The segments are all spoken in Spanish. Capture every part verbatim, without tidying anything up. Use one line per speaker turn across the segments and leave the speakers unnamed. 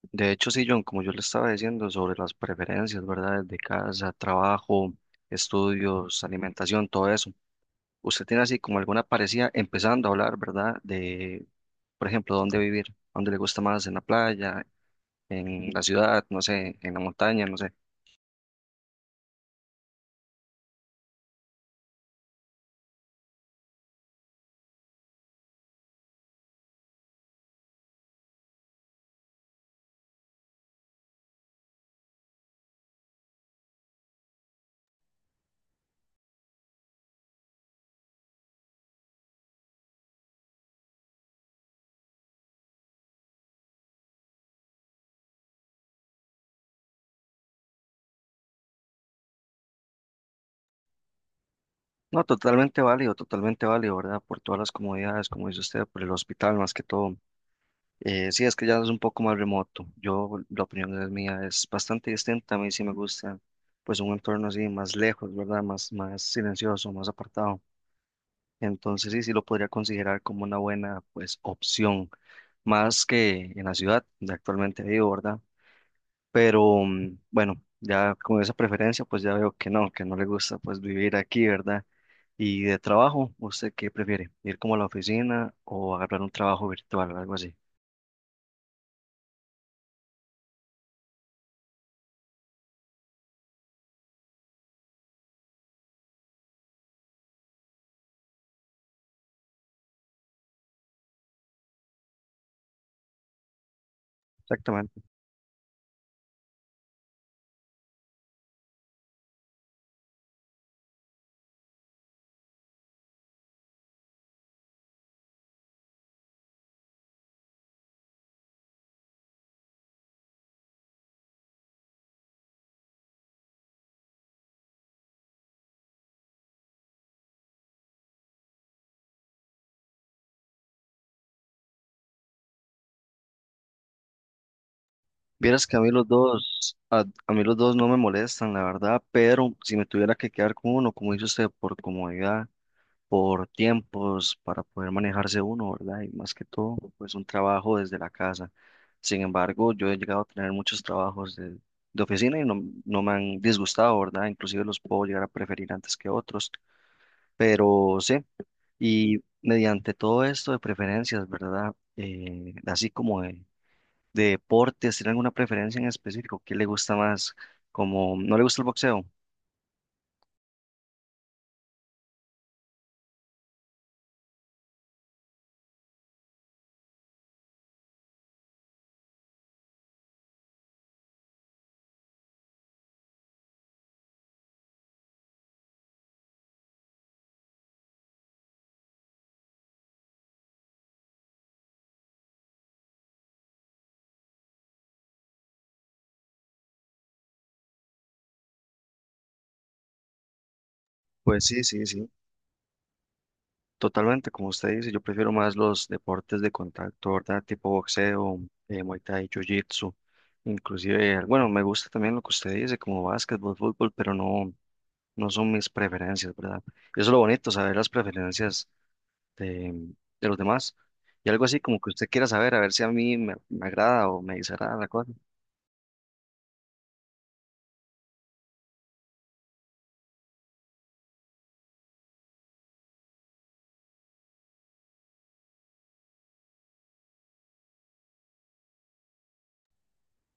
De hecho, sí, John, como yo le estaba diciendo sobre las preferencias, ¿verdad? De casa, trabajo, estudios, alimentación, todo eso. ¿Usted tiene así como alguna parecida empezando a hablar, ¿verdad? De, por ejemplo, dónde vivir, dónde le gusta más, en la playa, en la ciudad, no sé, en la montaña, no sé. No, totalmente válido, totalmente válido, ¿verdad? Por todas las comodidades, como dice usted, por el hospital más que todo. Eh, sí, es que ya es un poco más remoto. Yo, la opinión es mía, es bastante distinta. A mí sí me gusta, pues, un entorno así más lejos, ¿verdad? Más, más silencioso, más apartado. Entonces, sí, sí lo podría considerar como una buena, pues, opción, más que en la ciudad donde actualmente vivo, ¿verdad? Pero, mm, bueno, ya con esa preferencia, pues ya veo que no, que no le gusta, pues, vivir aquí, ¿verdad? Y de trabajo, ¿usted qué prefiere? ¿Ir como a la oficina o agarrar un trabajo virtual, algo así? Exactamente. Vieras que a mí los dos, a, a mí los dos no me molestan, la verdad, pero si me tuviera que quedar con uno, como dice usted, por comodidad, por tiempos, para poder manejarse uno, ¿verdad? Y más que todo, pues un trabajo desde la casa. Sin embargo, yo he llegado a tener muchos trabajos de, de oficina y no, no me han disgustado, ¿verdad? Inclusive los puedo llegar a preferir antes que otros, pero sí, y mediante todo esto de preferencias, ¿verdad? Eh, así como de de deportes, ¿tiene alguna preferencia en específico? ¿Qué le gusta más? Como no le gusta el boxeo, pues sí, sí, sí, totalmente, como usted dice, yo prefiero más los deportes de contacto, ¿verdad? Tipo boxeo, eh, Muay Thai, Jiu-Jitsu, inclusive, bueno, me gusta también lo que usted dice, como básquetbol, fútbol, pero no, no son mis preferencias, ¿verdad? Y eso es lo bonito, saber las preferencias de, de los demás. Y algo así como que usted quiera saber, a ver si a mí me, me agrada o me desagrada la cosa.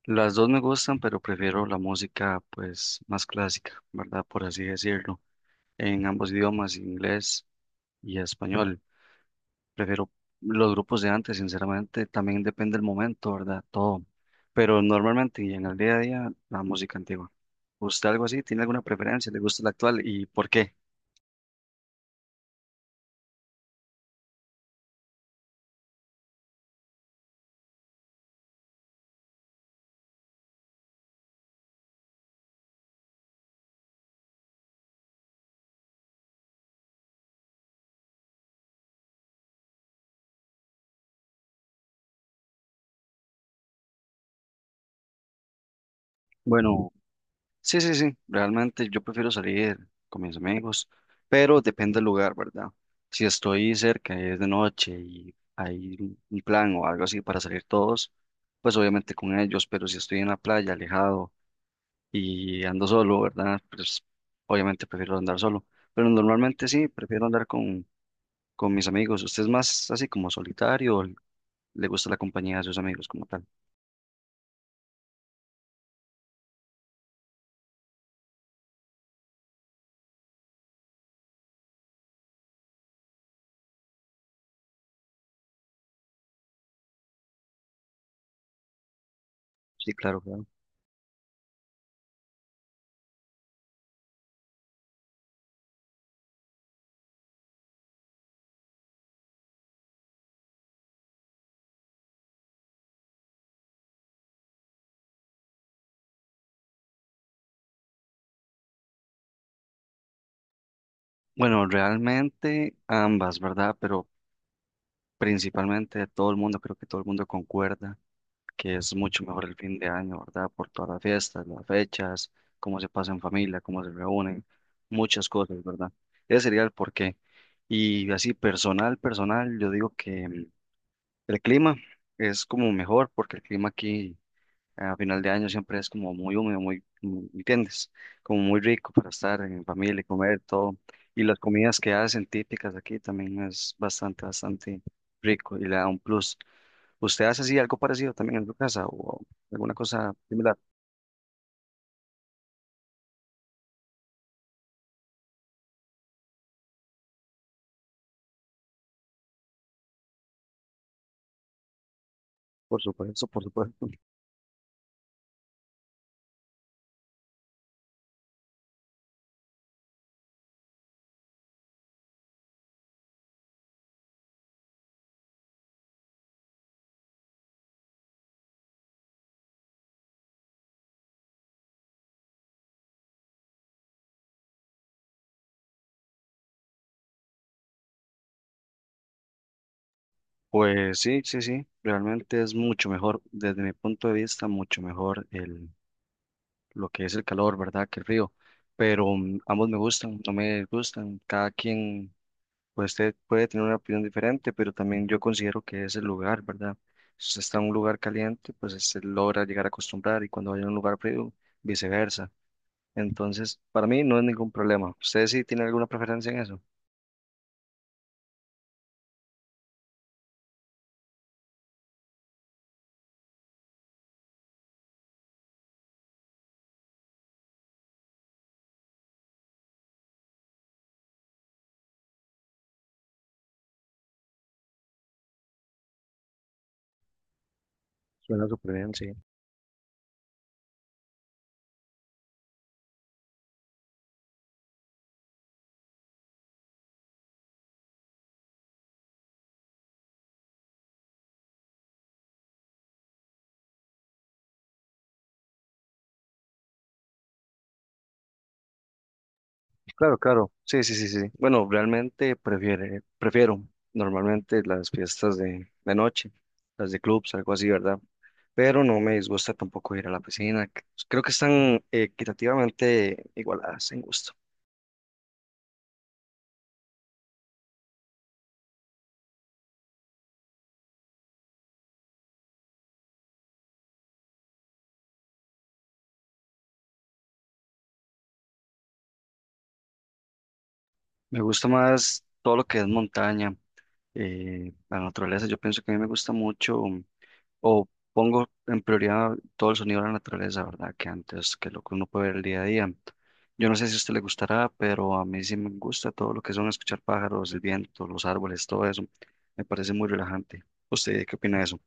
Las dos me gustan, pero prefiero la música pues más clásica, ¿verdad? Por así decirlo, en ambos idiomas, inglés y español. Prefiero los grupos de antes, sinceramente, también depende del momento, ¿verdad? Todo. Pero normalmente y en el día a día, la música antigua. ¿Usted algo así? ¿Tiene alguna preferencia? ¿Le gusta la actual? ¿Y por qué? Bueno, sí, sí, sí, realmente yo prefiero salir con mis amigos, pero depende del lugar, ¿verdad? Si estoy cerca y es de noche y hay un un plan o algo así para salir todos, pues obviamente con ellos, pero si estoy en la playa, alejado y ando solo, ¿verdad? Pues obviamente prefiero andar solo, pero normalmente sí, prefiero andar con, con mis amigos. ¿Usted es más así como solitario o le gusta la compañía de sus amigos como tal? Sí, claro, claro. Bueno, realmente ambas, ¿verdad? Pero principalmente todo el mundo, creo que todo el mundo concuerda que es mucho mejor el fin de año, ¿verdad? Por todas las fiestas, las fechas, cómo se pasa en familia, cómo se reúnen, muchas cosas, ¿verdad? Ese sería el porqué. Y así personal, personal, yo digo que mm, el clima es como mejor porque el clima aquí a final de año siempre es como muy húmedo, muy, muy- ¿me ¿entiendes? Como muy rico para estar en familia y comer todo. Y las comidas que hacen típicas aquí también es bastante, bastante rico y le da un plus. ¿Usted hace así algo parecido también en su casa o alguna cosa similar? Por supuesto, por supuesto. Pues sí, sí, sí, realmente es mucho mejor, desde mi punto de vista, mucho mejor el, lo que es el calor, ¿verdad? Que el frío. Pero mm, ambos me gustan, no me gustan, cada quien pues usted puede tener una opinión diferente, pero también yo considero que es el lugar, ¿verdad? Si usted está en un lugar caliente, pues se logra llegar a acostumbrar y cuando vaya a un lugar frío, viceversa. Entonces, para mí no es ningún problema. ¿Usted sí tiene alguna preferencia en eso? Suena súper bien, sí. Claro, claro. Sí, sí, sí, sí. Bueno, realmente prefiere, prefiero normalmente las fiestas de, de noche, las de clubs, algo así, ¿verdad? Pero no me disgusta tampoco ir a la piscina. Creo que están equitativamente igualadas en gusto. Me gusta más todo lo que es montaña, eh, la naturaleza. Yo pienso que a mí me gusta mucho, mm, o pongo en prioridad todo el sonido de la naturaleza, ¿verdad? Que antes que lo que uno puede ver el día a día. Yo no sé si a usted le gustará, pero a mí sí me gusta todo lo que son escuchar pájaros, el viento, los árboles, todo eso. Me parece muy relajante. ¿Usted qué opina de eso?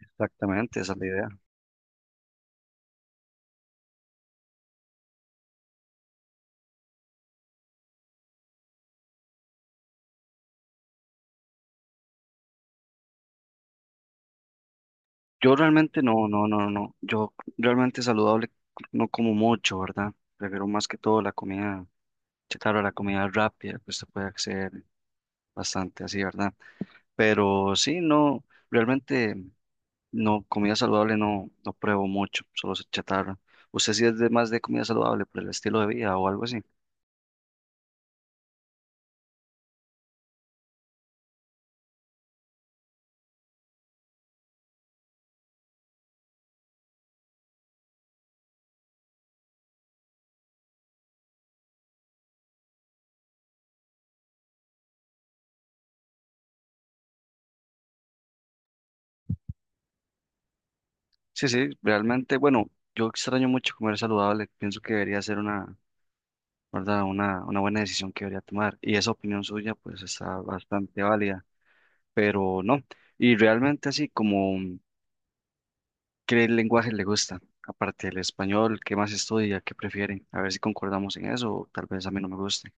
Exactamente, esa es la idea. Yo realmente no, no, no, no. Yo realmente saludable no como mucho, ¿verdad? Prefiero más que todo la comida chatarra, la comida rápida, pues se puede hacer bastante así, ¿verdad? Pero sí, no, realmente no, comida saludable no, no pruebo mucho, solo se chatarra. ¿Usted sí es de más de comida saludable por el estilo de vida o algo así? Sí, sí, realmente, bueno, yo extraño mucho comer saludable, pienso que debería ser una ¿verdad? Una, una buena decisión que debería tomar. Y esa opinión suya, pues, está bastante válida, pero no. Y realmente así como, mm, ¿qué lenguaje le gusta? Aparte del español, ¿qué más estudia? ¿Qué prefiere? A ver si concordamos en eso, o tal vez a mí no me guste.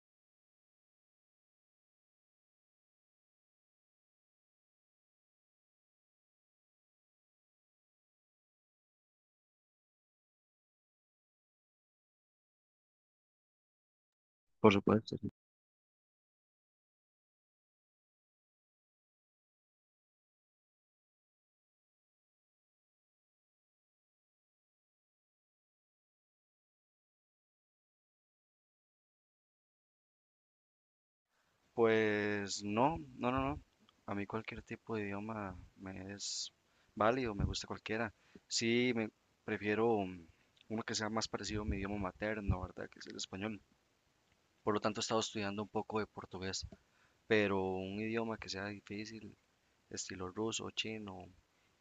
Por supuesto. Sí. Pues no, no, no, no. A mí cualquier tipo de idioma me es válido, me gusta cualquiera. Sí, me prefiero mm, uno que sea más parecido a mi idioma materno, ¿verdad? Que es el español. Por lo tanto, he estado estudiando un poco de portugués pero un idioma que sea difícil, estilo ruso, chino,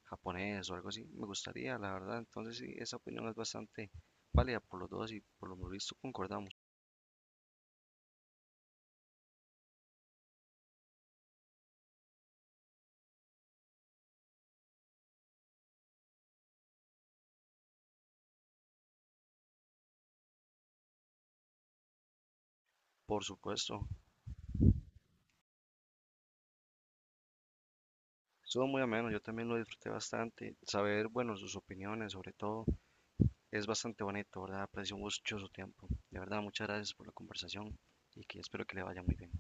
japonés o algo así, me gustaría, la verdad. Entonces sí, esa opinión es bastante válida por los dos y por lo visto concordamos. Por supuesto, estuvo muy ameno, yo también lo disfruté bastante. Saber, bueno, sus opiniones sobre todo es bastante bonito, ¿verdad? Aprecio mucho su tiempo. De verdad, muchas gracias por la conversación y que espero que le vaya muy bien.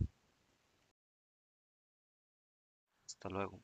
Hasta luego.